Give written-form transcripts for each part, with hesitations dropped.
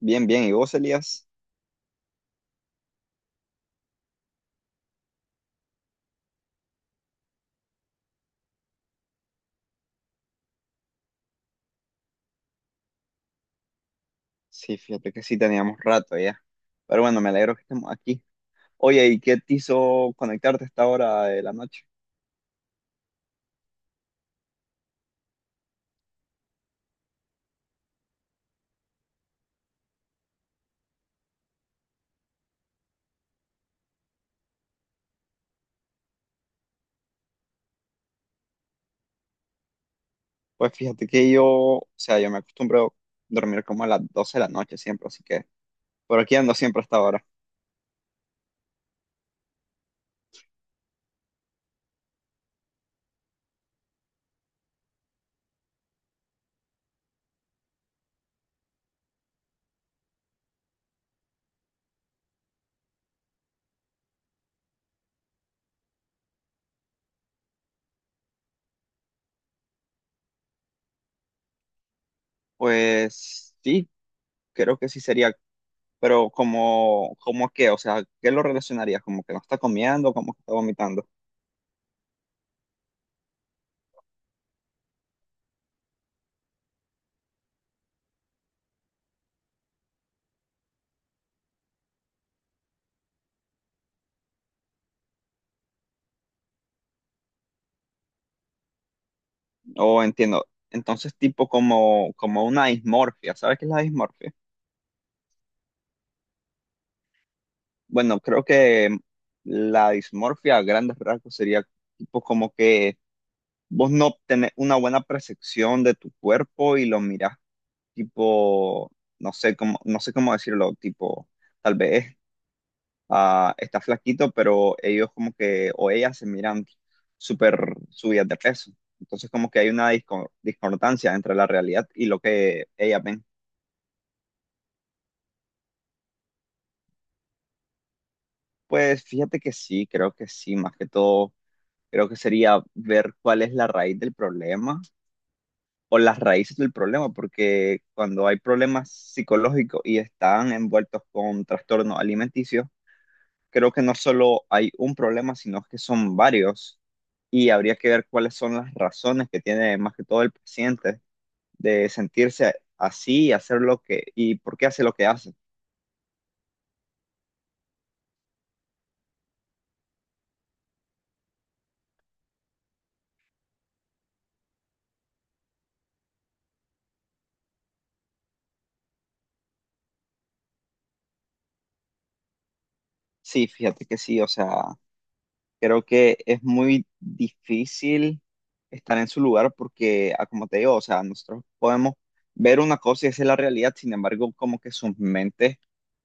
Bien, bien. ¿Y vos, Elías? Sí, fíjate que sí teníamos rato ya. Pero bueno, me alegro que estemos aquí. Oye, ¿y qué te hizo conectarte a esta hora de la noche? Pues fíjate que yo, o sea, yo me acostumbro a dormir como a las 12 de la noche siempre, así que por aquí ando siempre a esta hora. Pues sí, creo que sí sería, pero como, como qué, o sea, ¿qué lo relacionarías? ¿Como que no está comiendo, como que está vomitando? O entiendo, entonces tipo como, como una dismorfia, ¿sabes qué es la dismorfia? Bueno, creo que la dismorfia a grandes rasgos sería tipo como que vos no tenés una buena percepción de tu cuerpo y lo mirás tipo, no sé cómo, no sé cómo decirlo, tipo, tal vez está flaquito, pero ellos como que, o ellas se miran súper subidas de peso. Entonces como que hay una discordancia entre la realidad y lo que ellas ven. Pues fíjate que sí, creo que sí, más que todo, creo que sería ver cuál es la raíz del problema o las raíces del problema, porque cuando hay problemas psicológicos y están envueltos con trastornos alimenticios, creo que no solo hay un problema, sino que son varios y habría que ver cuáles son las razones que tiene más que todo el paciente de sentirse así y hacer lo que y por qué hace lo que hace. Sí, fíjate que sí, o sea, creo que es muy difícil estar en su lugar porque, como te digo, o sea, nosotros podemos ver una cosa y esa es la realidad, sin embargo, como que sus mentes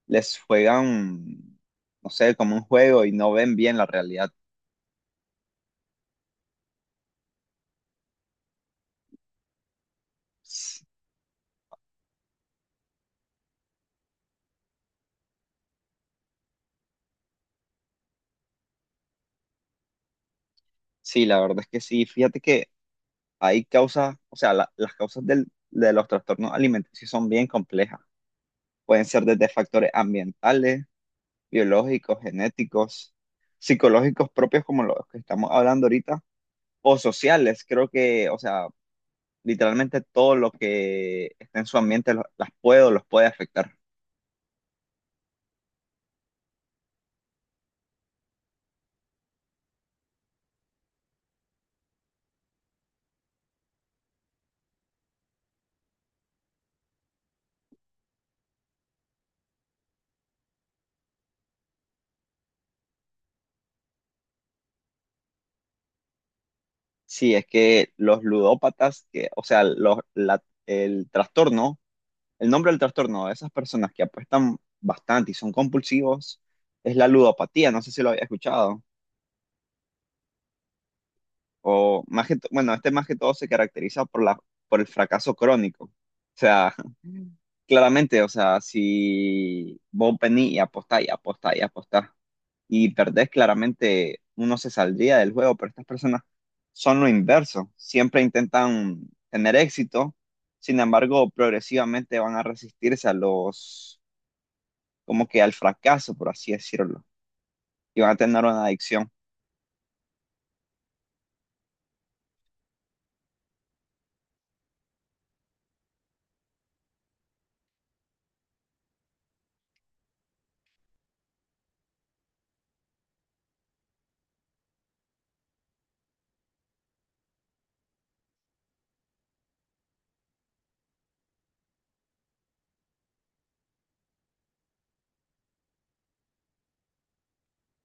les juegan, no sé, como un juego y no ven bien la realidad. S- Sí, la verdad es que sí. Fíjate que hay causas, o sea, las causas de los trastornos alimenticios son bien complejas. Pueden ser desde factores ambientales, biológicos, genéticos, psicológicos propios como los que estamos hablando ahorita o sociales, creo que, o sea, literalmente todo lo que está en su ambiente las puede o los puede afectar. Sí, es que los ludópatas, que, o sea, los, el trastorno, el nombre del trastorno de esas personas que apuestan bastante y son compulsivos es la ludopatía, no sé si lo había escuchado, o más que, bueno, este más que todo se caracteriza por la, por el fracaso crónico. O sea, claramente, o sea, si vos venís y apostás y apostás y apostás y perdés, claramente uno se saldría del juego, pero estas personas son lo inverso, siempre intentan tener éxito, sin embargo, progresivamente van a resistirse a los, como que al fracaso, por así decirlo, y van a tener una adicción.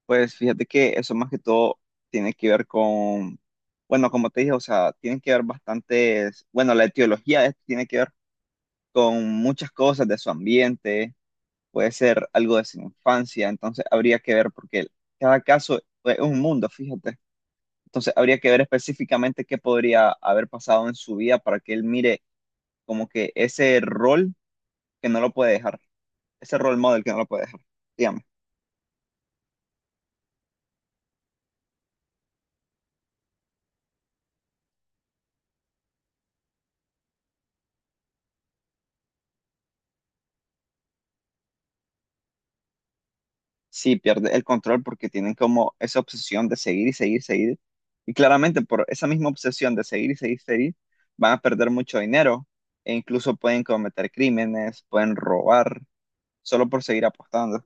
Pues fíjate que eso más que todo tiene que ver con, bueno, como te dije, o sea, tiene que ver bastantes, bueno, la etiología de esto tiene que ver con muchas cosas de su ambiente, puede ser algo de su infancia, entonces habría que ver porque cada caso es un mundo, fíjate. Entonces habría que ver específicamente qué podría haber pasado en su vida para que él mire como que ese rol que no lo puede dejar, ese role model que no lo puede dejar, digamos. Sí, pierde el control porque tienen como esa obsesión de seguir y seguir. Y claramente por esa misma obsesión de seguir y seguir, van a perder mucho dinero e incluso pueden cometer crímenes, pueden robar, solo por seguir apostando.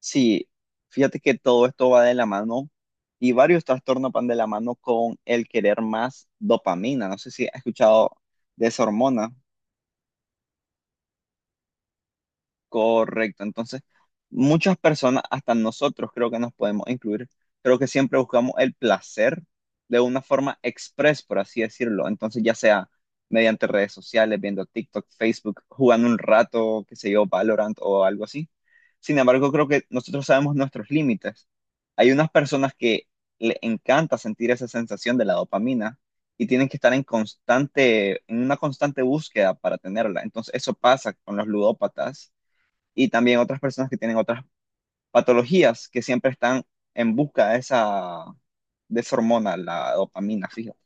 Sí, fíjate que todo esto va de la mano y varios trastornos van de la mano con el querer más dopamina. No sé si has escuchado de esa hormona. Correcto, entonces muchas personas, hasta nosotros creo que nos podemos incluir, creo que siempre buscamos el placer de una forma express, por así decirlo, entonces ya sea mediante redes sociales, viendo TikTok, Facebook, jugando un rato, qué sé yo, Valorant o algo así. Sin embargo, creo que nosotros sabemos nuestros límites. Hay unas personas que le encanta sentir esa sensación de la dopamina y tienen que estar en constante, en una constante búsqueda para tenerla. Entonces, eso pasa con los ludópatas y también otras personas que tienen otras patologías que siempre están en busca de esa hormona, la dopamina, fíjate.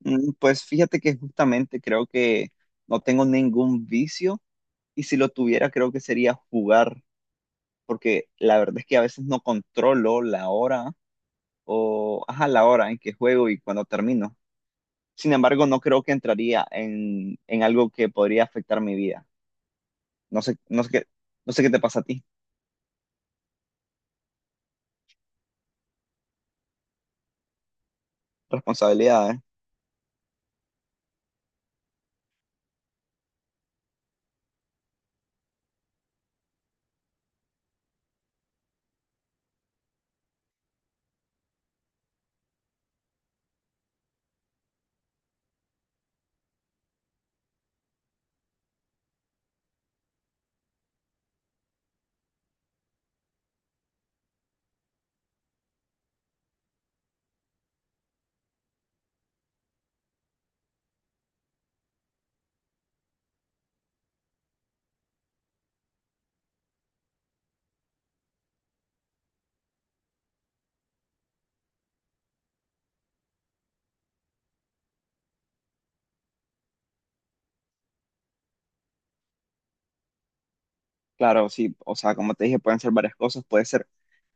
Pues fíjate que justamente creo que no tengo ningún vicio y si lo tuviera creo que sería jugar, porque la verdad es que a veces no controlo la hora o, ajá, la hora en que juego y cuando termino. Sin embargo, no creo que entraría en algo que podría afectar mi vida. No sé, no sé qué, no sé qué te pasa a ti. Responsabilidades. Claro, sí, o sea, como te dije, pueden ser varias cosas, puede ser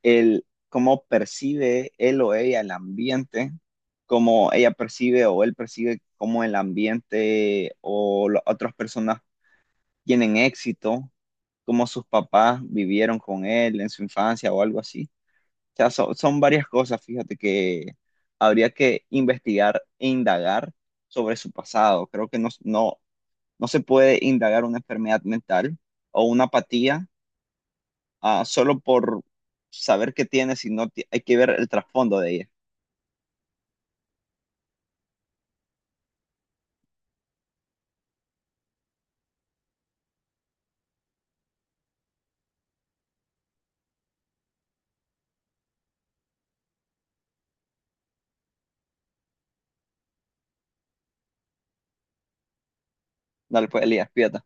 el cómo percibe él o ella el ambiente, cómo ella percibe o él percibe cómo el ambiente o las otras personas tienen éxito, cómo sus papás vivieron con él en su infancia o algo así. O sea, son varias cosas, fíjate que habría que investigar e indagar sobre su pasado. Creo que no, no, no se puede indagar una enfermedad mental o una apatía solo por saber qué tienes y no hay que ver el trasfondo de ella. Dale, pues, Elías, pídate.